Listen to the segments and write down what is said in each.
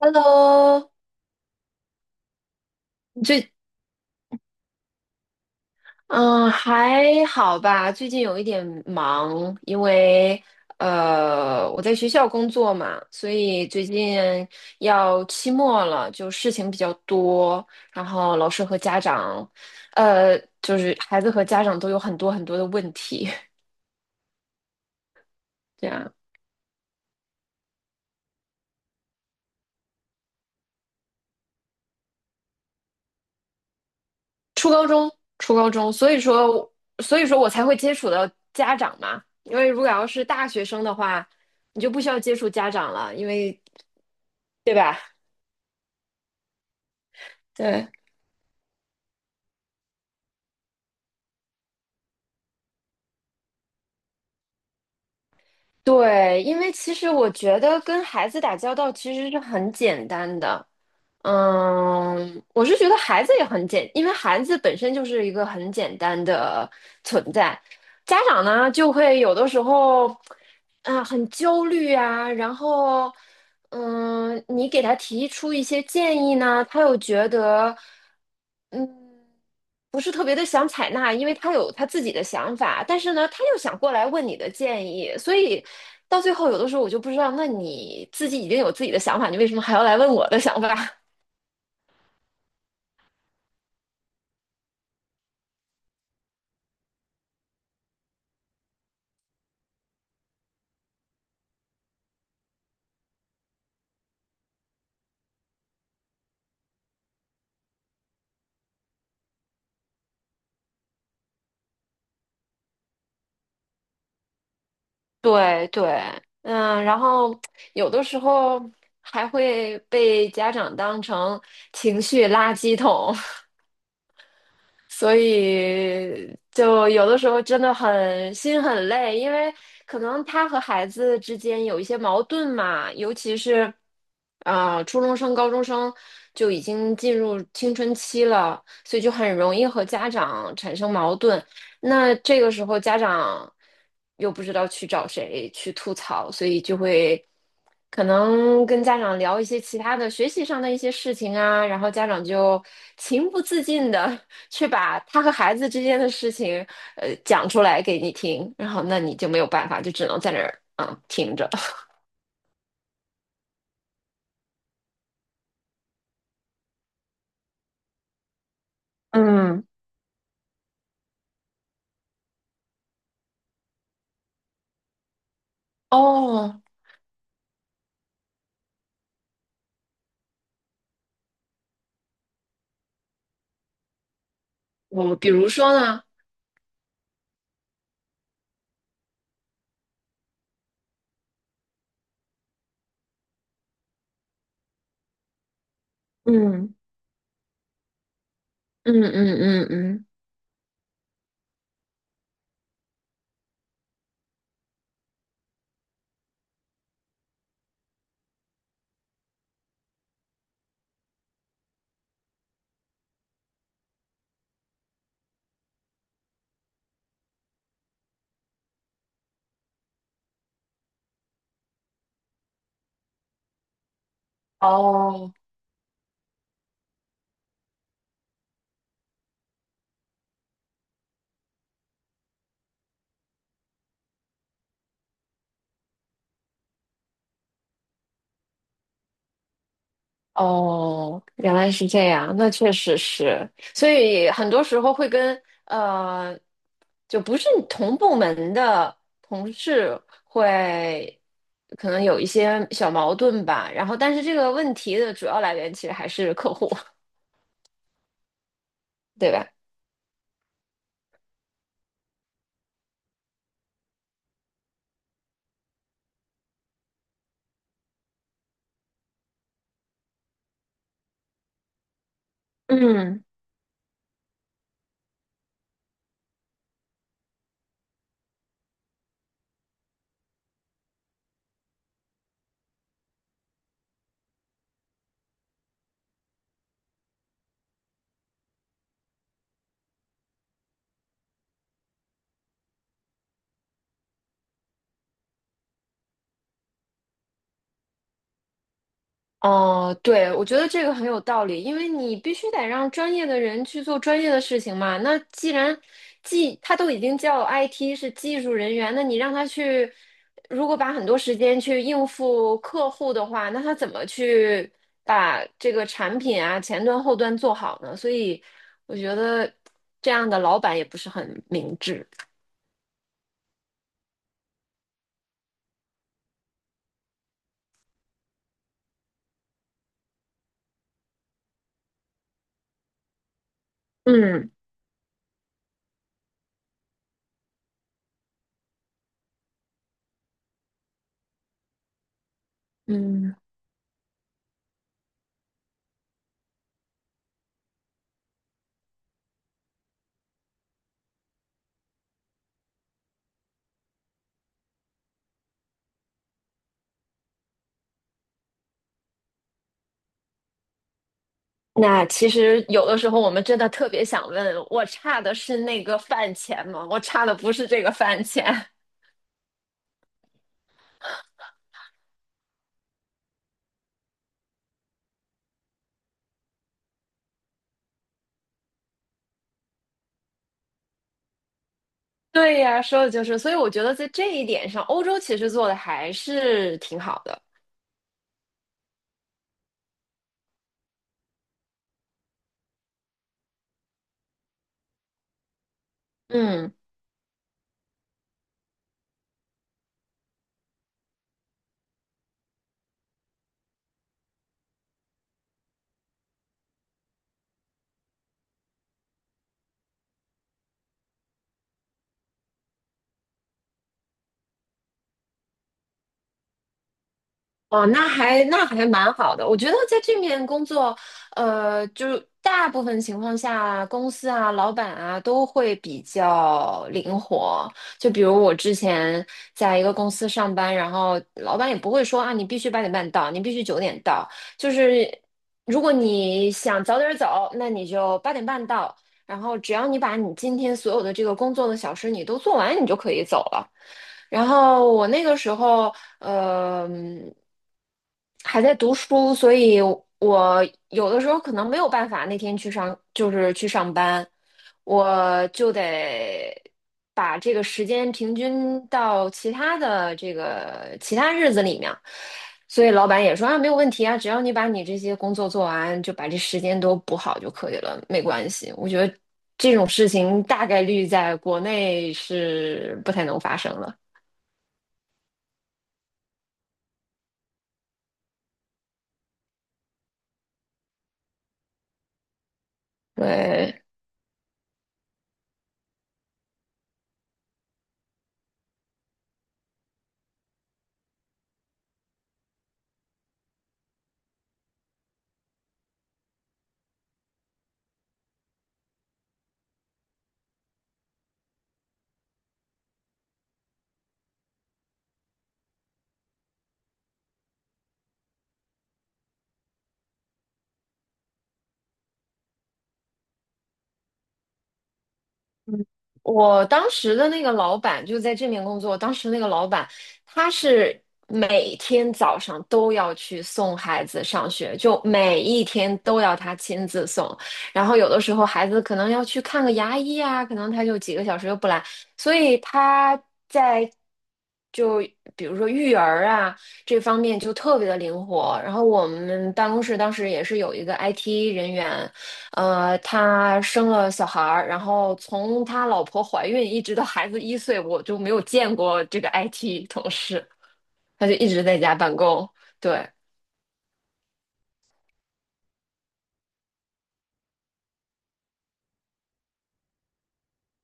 Hello,最嗯还好吧，最近有一点忙，因为我在学校工作嘛，所以最近要期末了，就事情比较多，然后老师和家长，就是孩子和家长都有很多很多的问题。这样初高中初高中，所以说我才会接触到家长嘛，因为如果要是大学生的话，你就不需要接触家长了，因为对吧？对对，因为其实我觉得跟孩子打交道其实是很简单的。嗯，我是觉得孩子也很简，因为孩子本身就是一个很简单的存在。家长呢，就会有的时候，啊、很焦虑啊，然后，嗯，你给他提出一些建议呢，他又觉得，嗯，不是特别的想采纳，因为他有他自己的想法，但是呢，他又想过来问你的建议，所以到最后有的时候我就不知道，那你自己已经有自己的想法，你为什么还要来问我的想法？对对，嗯，然后有的时候还会被家长当成情绪垃圾桶，所以就有的时候真的很心很累，因为可能他和孩子之间有一些矛盾嘛，尤其是，啊、初中生、高中生就已经进入青春期了，所以就很容易和家长产生矛盾。那这个时候家长又不知道去找谁去吐槽，所以就会可能跟家长聊一些其他的学习上的一些事情啊，然后家长就情不自禁的 去把他和孩子之间的事情讲出来给你听，然后那你就没有办法，就只能在那儿听着。嗯，哦，我比如说呢，嗯，嗯嗯，嗯嗯，哦，哦，原来是这样，那确实是，所以很多时候会跟呃，就不是同部门的同事会可能有一些小矛盾吧，然后但是这个问题的主要来源其实还是客户，对吧？嗯。哦，对，我觉得这个很有道理，因为你必须得让专业的人去做专业的事情嘛。那既然他都已经叫 IT 是技术人员，那你让他去，如果把很多时间去应付客户的话，那他怎么去把这个产品啊前端后端做好呢？所以我觉得这样的老板也不是很明智。嗯嗯。那其实有的时候我们真的特别想问，我差的是那个饭钱吗？我差的不是这个饭钱。对呀，说的就是，所以我觉得在这一点上，欧洲其实做的还是挺好的。嗯。哦，那还蛮好的。我觉得在这面工作，就大部分情况下，公司啊、老板啊都会比较灵活。就比如我之前在一个公司上班，然后老板也不会说啊，你必须八点半到，你必须九点到。就是如果你想早点走，那你就八点半到；然后只要你把你今天所有的这个工作的小事你都做完，你就可以走了。然后我那个时候，呃，还在读书，所以我有的时候可能没有办法那天去上，就是去上班，我就得把这个时间平均到其他的这个其他日子里面。所以老板也说啊，没有问题啊，只要你把你这些工作做完，就把这时间都补好就可以了，没关系。我觉得这种事情大概率在国内是不太能发生了。对，我当时的那个老板就在这面工作，当时那个老板他是每天早上都要去送孩子上学，就每一天都要他亲自送，然后有的时候孩子可能要去看个牙医啊，可能他就几个小时又不来，所以他在就比如说育儿啊这方面就特别的灵活。然后我们办公室当时也是有一个 IT 人员，他生了小孩儿，然后从他老婆怀孕一直到孩子一岁，我就没有见过这个 IT 同事，他就一直在家办公。对，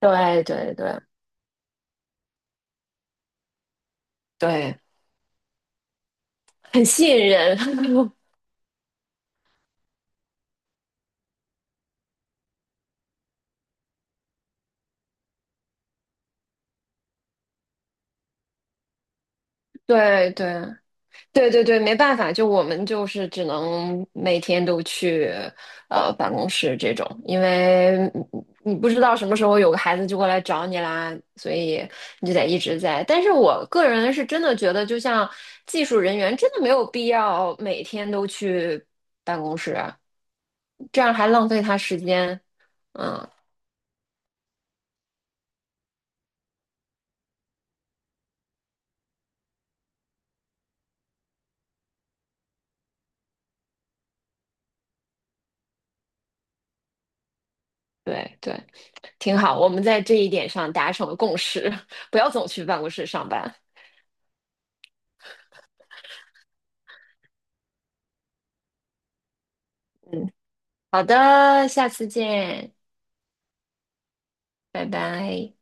对，对，对，对，很吸引人。对，对。对对对，没办法，就我们就是只能每天都去办公室这种，因为你不知道什么时候有个孩子就过来找你啦，所以你就得一直在。但是我个人是真的觉得，就像技术人员，真的没有必要每天都去办公室啊，这样还浪费他时间。嗯，对对，挺好，我们在这一点上达成了共识，不要总去办公室上班。嗯，好的，下次见。拜拜。